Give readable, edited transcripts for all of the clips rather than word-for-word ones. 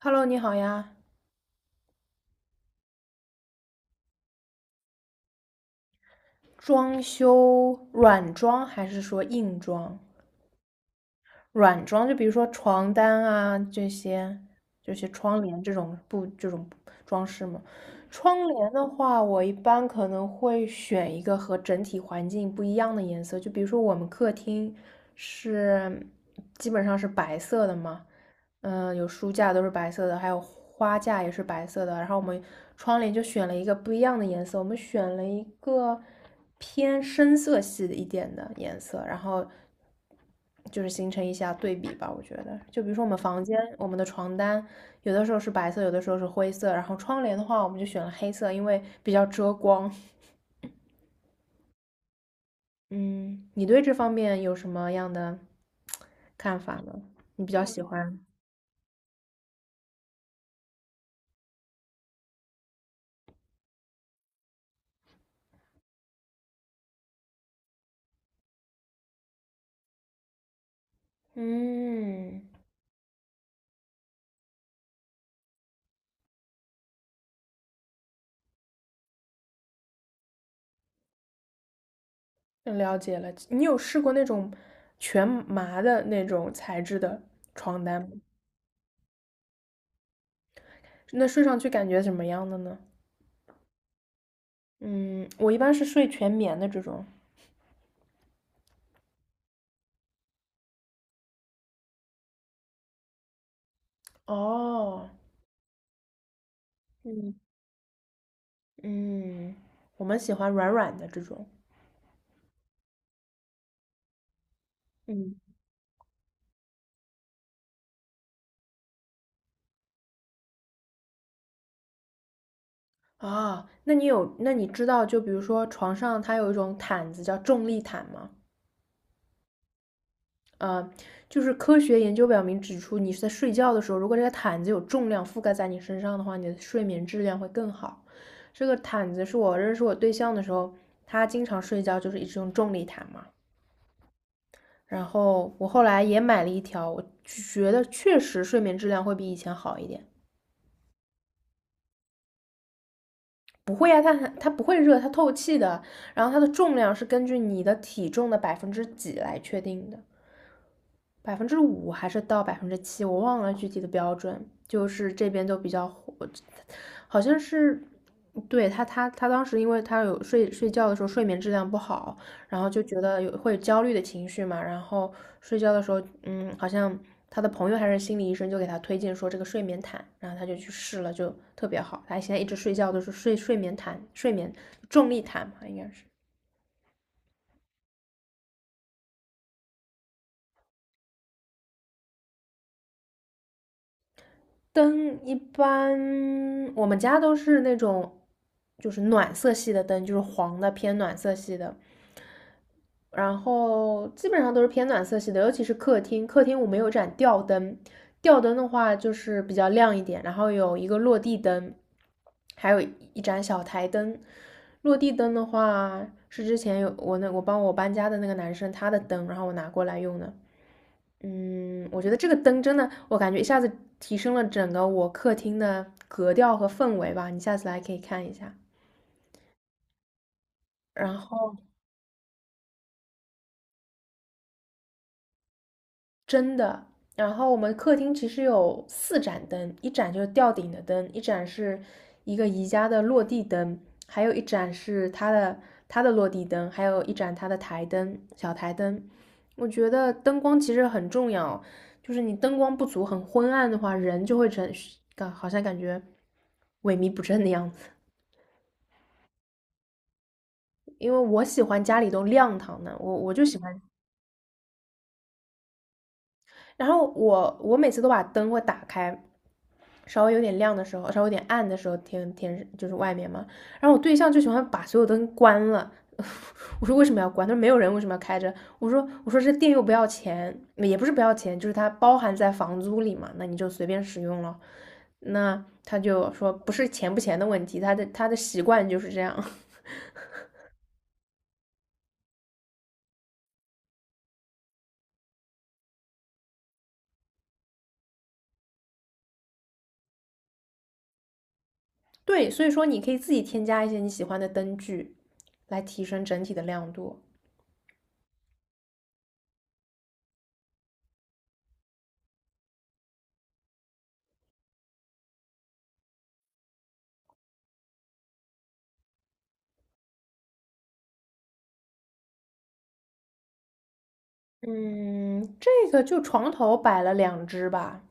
Hello，你好呀，装修软装还是说硬装？软装，就比如说床单啊这些，这些窗帘这种布这种装饰嘛。窗帘的话，我一般可能会选一个和整体环境不一样的颜色，就比如说我们客厅是基本上是白色的嘛。有书架都是白色的，还有花架也是白色的。然后我们窗帘就选了一个不一样的颜色，我们选了一个偏深色系的一点的颜色，然后就是形成一下对比吧，我觉得，就比如说我们房间，我们的床单，有的时候是白色，有的时候是灰色，然后窗帘的话，我们就选了黑色，因为比较遮光。嗯，你对这方面有什么样的看法呢？你比较喜欢？嗯，了解了。你有试过那种全麻的那种材质的床单吗？那睡上去感觉怎么样的呢？嗯，我一般是睡全棉的这种。哦，嗯。嗯，我们喜欢软软的这种。嗯，啊，那你知道，就比如说床上它有一种毯子叫重力毯吗？呃，就是科学研究表明指出，你是在睡觉的时候，如果这个毯子有重量覆盖在你身上的话，你的睡眠质量会更好。这个毯子是我认识我对象的时候，他经常睡觉就是一直用重力毯嘛。然后我后来也买了一条，我觉得确实睡眠质量会比以前好一点。不会啊，它不会热，它透气的。然后它的重量是根据你的体重的百分之几来确定的。5%还是到7%，我忘了具体的标准，就是这边都比较火，好像是，对他当时因为他有睡觉的时候睡眠质量不好，然后就觉得有会有焦虑的情绪嘛，然后睡觉的时候，好像他的朋友还是心理医生就给他推荐说这个睡眠毯，然后他就去试了，就特别好，他现在一直睡觉都是睡眠毯、睡眠重力毯嘛，应该是。灯一般我们家都是那种就是暖色系的灯，就是黄的偏暖色系的，然后基本上都是偏暖色系的，尤其是客厅，客厅我们有盏吊灯，吊灯的话就是比较亮一点，然后有一个落地灯，还有一盏小台灯。落地灯的话是之前有我帮我搬家的那个男生他的灯，然后我拿过来用的。我觉得这个灯真的，我感觉一下子提升了整个我客厅的格调和氛围吧。你下次来可以看一下。然后，真的。然后我们客厅其实有四盏灯，一盏就是吊顶的灯，一盏是一个宜家的落地灯，还有一盏是它的落地灯，还有一盏它的台灯，小台灯。我觉得灯光其实很重要，就是你灯光不足、很昏暗的话，人就会成感好像感觉萎靡不振的样子。因为我喜欢家里都亮堂的，我就喜欢然后我每次都把灯会打开，稍微有点亮的时候，稍微有点暗的时候，天天就是外面嘛。然后我对象就喜欢把所有灯关了。我说为什么要关？他说没有人为什么要开着？我说这电又不要钱，也不是不要钱，就是它包含在房租里嘛，那你就随便使用了。那他就说不是钱不钱的问题，他的习惯就是这样。对，所以说你可以自己添加一些你喜欢的灯具，来提升整体的亮度。嗯，这个就床头摆了两只吧。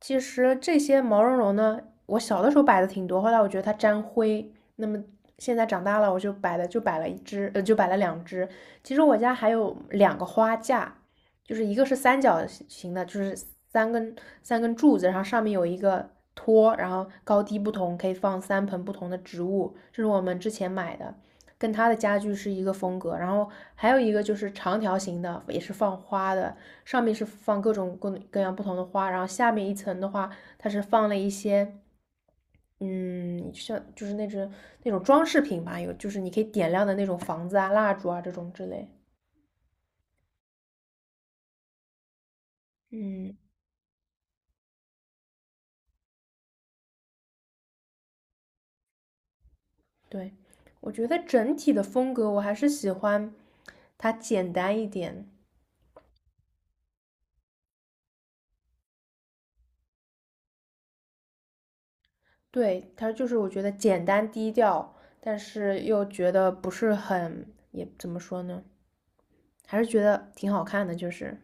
其实这些毛茸茸呢，我小的时候摆的挺多，后来我觉得它沾灰，那么现在长大了，我就摆的就摆了一只，就摆了两只。其实我家还有两个花架，就是一个是三角形的，就是三根三根柱子，然后上面有一个托，然后高低不同，可以放三盆不同的植物，这是我们之前买的。跟他的家具是一个风格。然后还有一个就是长条形的，也是放花的，上面是放各种各样不同的花，然后下面一层的话，它是放了一些。嗯，像就是那种装饰品吧，有就是你可以点亮的那种房子啊、蜡烛啊这种之类。嗯，对，我觉得整体的风格我还是喜欢它简单一点。对，它就是我觉得简单低调，但是又觉得不是很，也怎么说呢？还是觉得挺好看的，就是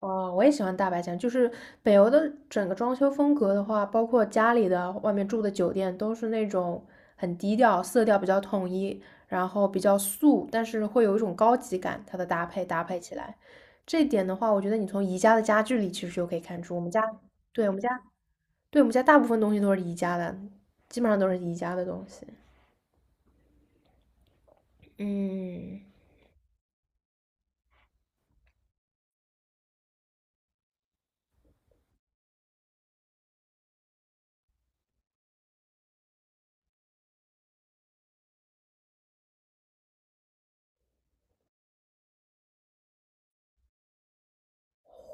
哦，我也喜欢大白墙，就是北欧的整个装修风格的话，包括家里的、外面住的酒店，都是那种很低调，色调比较统一，然后比较素，但是会有一种高级感，它的搭配搭配起来，这一点的话，我觉得你从宜家的家具里其实就可以看出，我们家，对，我们家，对，我们家大部分东西都是宜家的，基本上都是宜家的东西，嗯。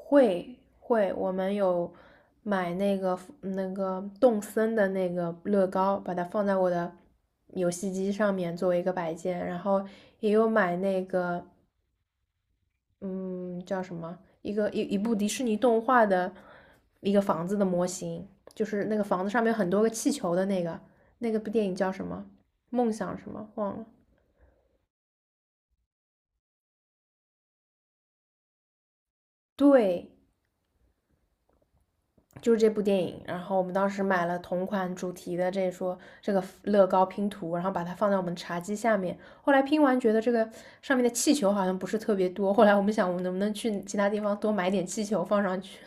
会会，我们有买那个动森的那个乐高，把它放在我的游戏机上面作为一个摆件，然后也有买那个嗯叫什么一个一一部迪士尼动画的一个房子的模型，就是那个房子上面有很多个气球的那个，那个部电影叫什么？梦想什么？忘了。对，就是这部电影，然后我们当时买了同款主题的这个乐高拼图，然后把它放在我们茶几下面。后来拼完觉得这个上面的气球好像不是特别多，后来我们想我们能不能去其他地方多买点气球放上去？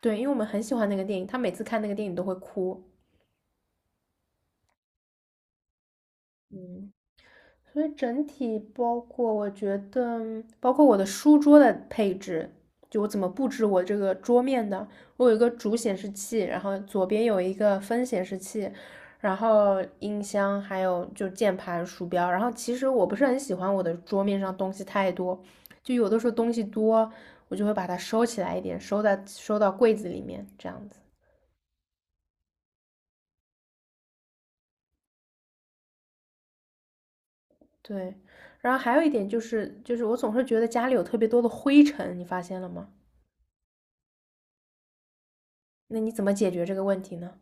对，因为我们很喜欢那个电影，他每次看那个电影都会哭。嗯，所以整体包括，我觉得包括我的书桌的配置，就我怎么布置我这个桌面的。我有一个主显示器，然后左边有一个分显示器，然后音箱，还有就键盘、鼠标。然后其实我不是很喜欢我的桌面上东西太多，就有的时候东西多，我就会把它收起来一点，收在收到柜子里面这样子。对，然后还有一点就是，就是我总是觉得家里有特别多的灰尘，你发现了吗？那你怎么解决这个问题呢？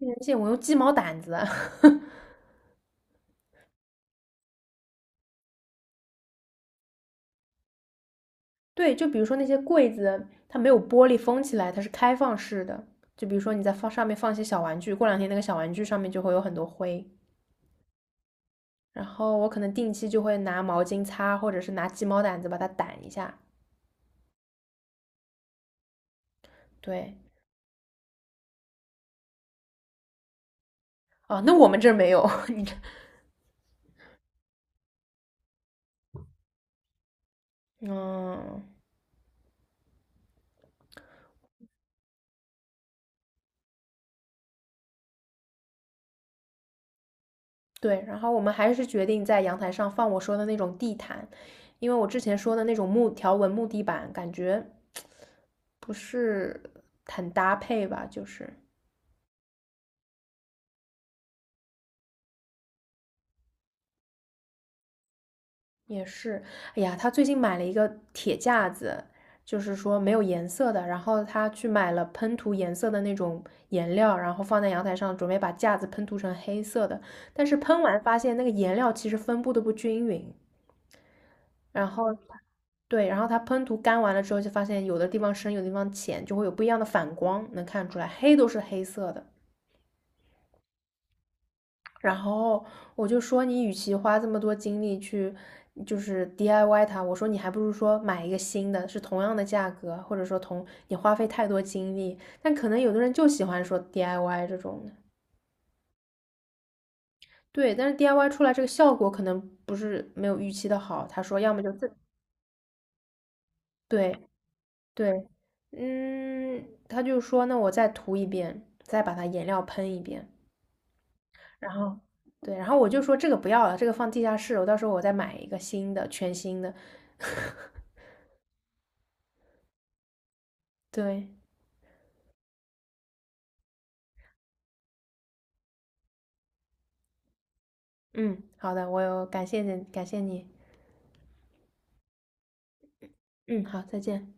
而且我用鸡毛掸子，对，就比如说那些柜子，它没有玻璃封起来，它是开放式的。就比如说你在放上面放一些小玩具，过两天那个小玩具上面就会有很多灰。然后我可能定期就会拿毛巾擦，或者是拿鸡毛掸子把它掸一下。对，啊，那我们这儿没有，你这，嗯，对。然后我们还是决定在阳台上放我说的那种地毯，因为我之前说的那种木条纹木地板，感觉不是很搭配吧，就是也是，哎呀，他最近买了一个铁架子，就是说没有颜色的，然后他去买了喷涂颜色的那种颜料，然后放在阳台上，准备把架子喷涂成黑色的，但是喷完发现那个颜料其实分布的不均匀，然后对，然后它喷涂干完了之后，就发现有的地方深，有的地方浅，就会有不一样的反光，能看出来，黑都是黑色的。然后我就说，你与其花这么多精力去就是 DIY 它，我说你还不如说买一个新的，是同样的价格，或者说同你花费太多精力。但可能有的人就喜欢说 DIY 这种的，对，但是 DIY 出来这个效果可能不是没有预期的好。他说，要么就自，对对，嗯，他就说，那我再涂一遍，再把它颜料喷一遍。然后对，然后我就说这个不要了，这个放地下室，我到时候我再买一个新的，全新的。对，嗯，好的，我有感谢你，感谢你，嗯，好，再见。